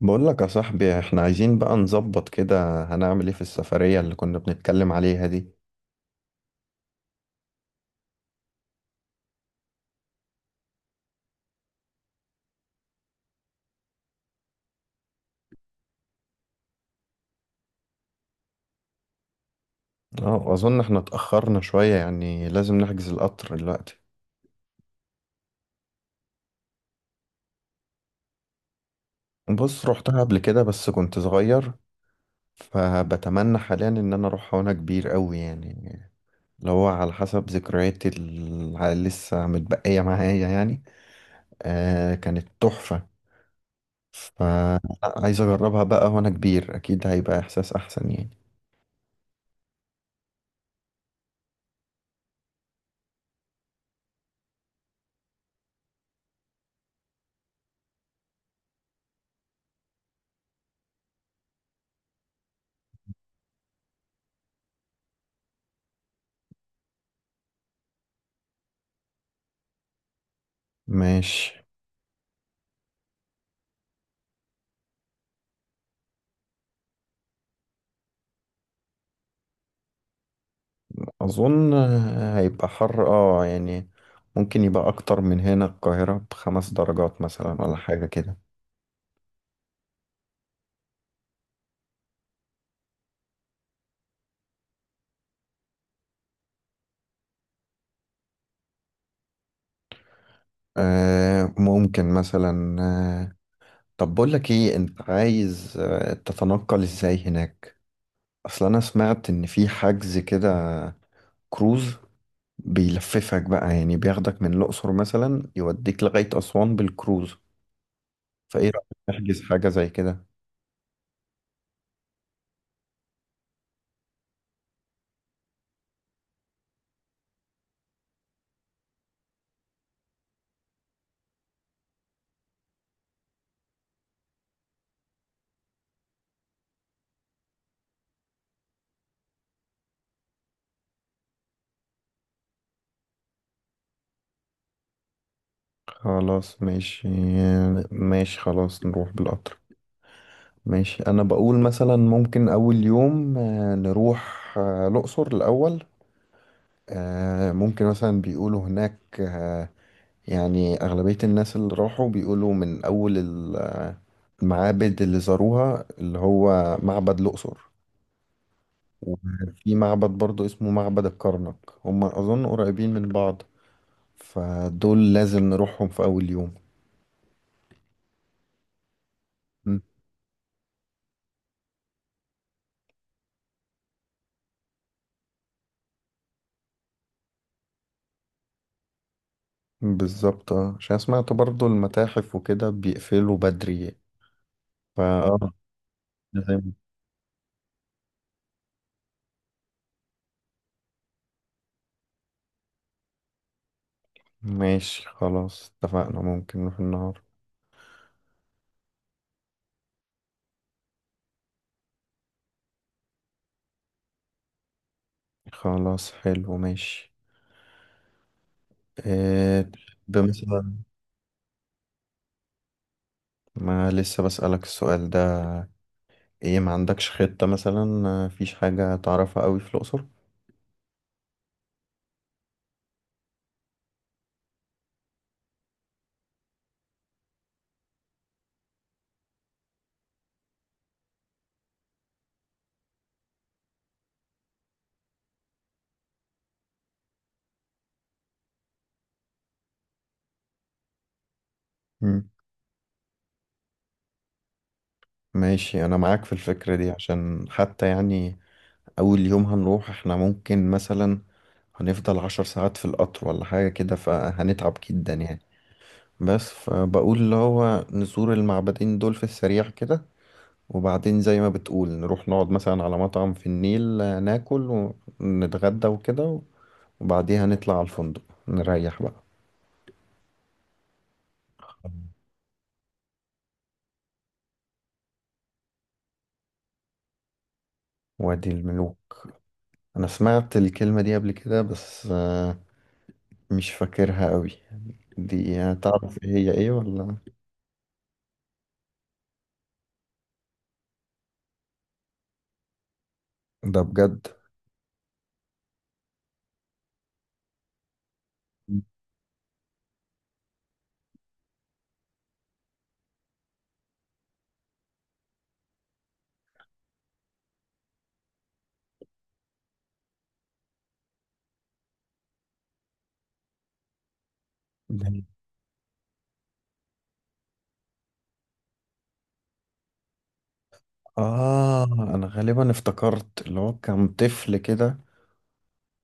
بقول لك يا صاحبي، احنا عايزين بقى نظبط كده. هنعمل ايه في السفرية اللي كنا بنتكلم عليها دي؟ اه، اظن احنا اتأخرنا شوية يعني لازم نحجز القطر دلوقتي. بص، روحتها قبل كده بس كنت صغير. فبتمنى حاليا ان انا اروحها وانا كبير قوي يعني، اللي هو على حسب ذكرياتي اللي لسه متبقية معايا يعني. آه، كانت تحفة. فعايز اجربها بقى وانا كبير، اكيد هيبقى احساس احسن يعني. ماشي. أظن هيبقى حر يعني. ممكن يبقى أكتر من هنا القاهرة ب5 درجات مثلا ولا حاجة كده. ممكن مثلا. طب بقولك ايه، انت عايز تتنقل ازاي هناك؟ أصل أنا سمعت إن في حجز كده، كروز بيلففك بقى يعني بياخدك من الأقصر مثلا، يوديك لغاية أسوان بالكروز. فإيه رأيك؟ نحجز حاجة زي كده. خلاص ماشي، ماشي خلاص نروح بالقطر. ماشي. انا بقول مثلا ممكن اول يوم نروح الاقصر الاول. ممكن مثلا بيقولوا هناك، يعني اغلبية الناس اللي راحوا بيقولوا من اول المعابد اللي زاروها، اللي هو معبد الاقصر. وفي معبد برضو اسمه معبد الكرنك. هما اظن قريبين من بعض، فدول لازم نروحهم في اول يوم. مم. بالظبط، عشان سمعت برضو المتاحف وكده بيقفلوا بدري، فاه لازم. ماشي خلاص، اتفقنا ممكن نروح النهار. خلاص، حلو، ماشي. إيه؟ بمثلا، ما لسه بسألك السؤال ده. ايه، ما عندكش خطة مثلا؟ مفيش حاجة تعرفها قوي في الأقصر؟ مم. ماشي، انا معاك في الفكرة دي، عشان حتى يعني اول يوم هنروح احنا ممكن مثلا هنفضل 10 ساعات في القطر ولا حاجة كده فهنتعب جدا يعني. بس فبقول اللي هو نزور المعبدين دول في السريع كده، وبعدين زي ما بتقول نروح نقعد مثلا على مطعم في النيل، ناكل ونتغدى وكده، وبعديها نطلع على الفندق نريح بقى. وادي الملوك. انا سمعت الكلمة دي قبل كده بس مش فاكرها قوي. دي تعرف هي ايه ولا؟ ده بجد؟ ده- اه، انا غالبا افتكرت اللي هو كان طفل كده،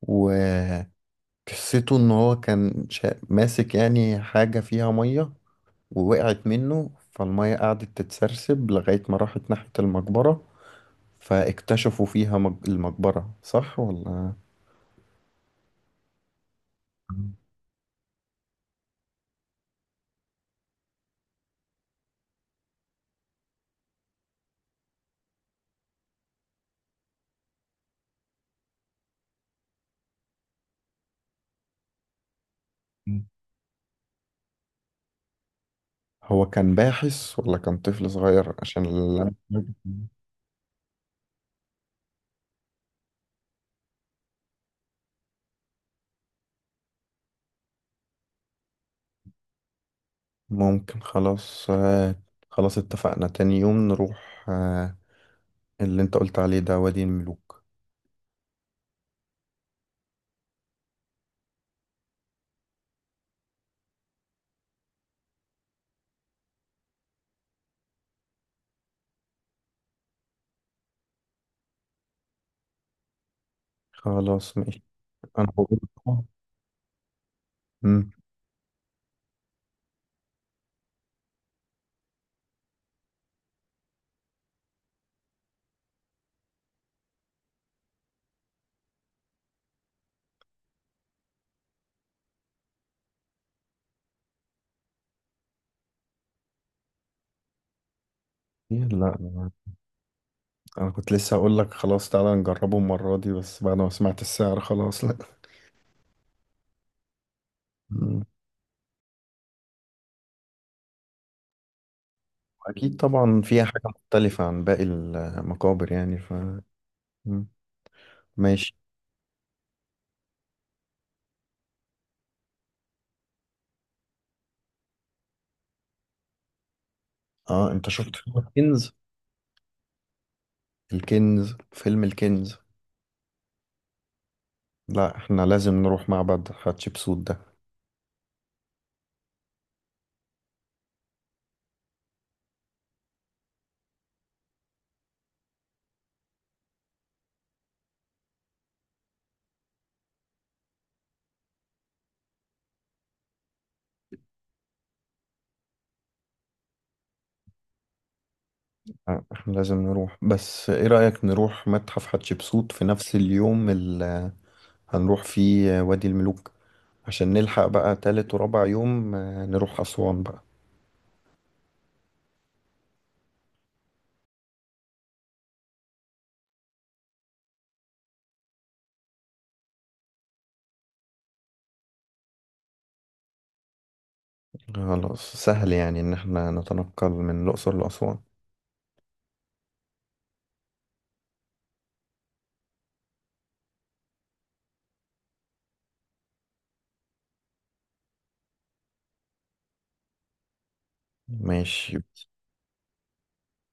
وقصته ان هو كان ماسك يعني حاجة فيها مية ووقعت منه، فالمية قعدت تتسرسب لغاية ما راحت ناحية المقبرة، فاكتشفوا فيها المقبرة، صح ولا؟ هو كان باحث ولا كان طفل صغير؟ عشان اللي ممكن. خلاص، خلاص اتفقنا تاني يوم نروح اللي انت قلت عليه ده، وادي الملوك. خلاص ماشي. انا بقول. مم. إيه؟ لا، أنا كنت لسه اقول لك خلاص تعالى نجربه المرة دي، بس بعد ما سمعت السعر خلاص لا. مم. أكيد طبعا فيها حاجة مختلفة عن باقي المقابر يعني ف... مم. ماشي. اه، انت شفت فيلم الكنز؟ الكنز، فيلم الكنز. لا، احنا لازم نروح معبد حتشبسوت ده. آه، احنا لازم نروح. بس ايه رأيك نروح متحف حتشبسوت في نفس اليوم اللي هنروح فيه وادي الملوك، عشان نلحق بقى تالت ورابع يوم نروح أسوان بقى. خلاص، سهل يعني ان احنا نتنقل من الأقصر لأسوان. ماشي.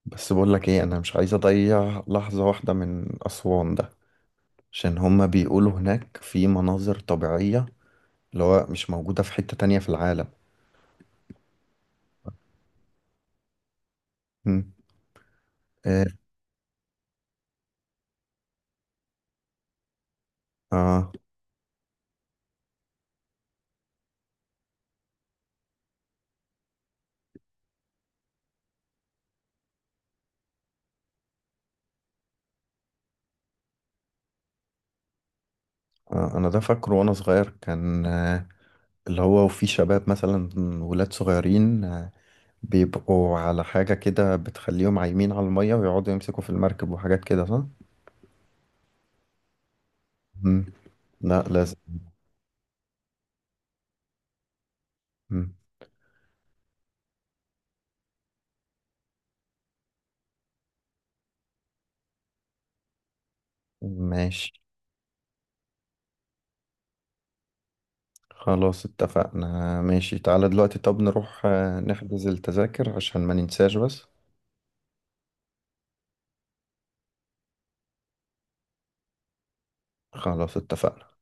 بس بقول لك ايه، انا مش عايز اضيع لحظة واحدة من اسوان ده، عشان هما بيقولوا هناك في مناظر طبيعية اللي هو مش موجودة في حتة تانية في العالم. مم. إيه؟ آه. آه. انا ده فاكره وانا صغير كان اللي هو وفي شباب مثلا، ولاد صغيرين بيبقوا على حاجة كده بتخليهم عايمين على المية ويقعدوا يمسكوا في المركب وحاجات كده، صح؟ مم. لا، لازم. مم. ماشي. خلاص اتفقنا، ماشي. تعالى دلوقتي طب نروح نحجز التذاكر عشان ما ننساش بس. خلاص اتفقنا.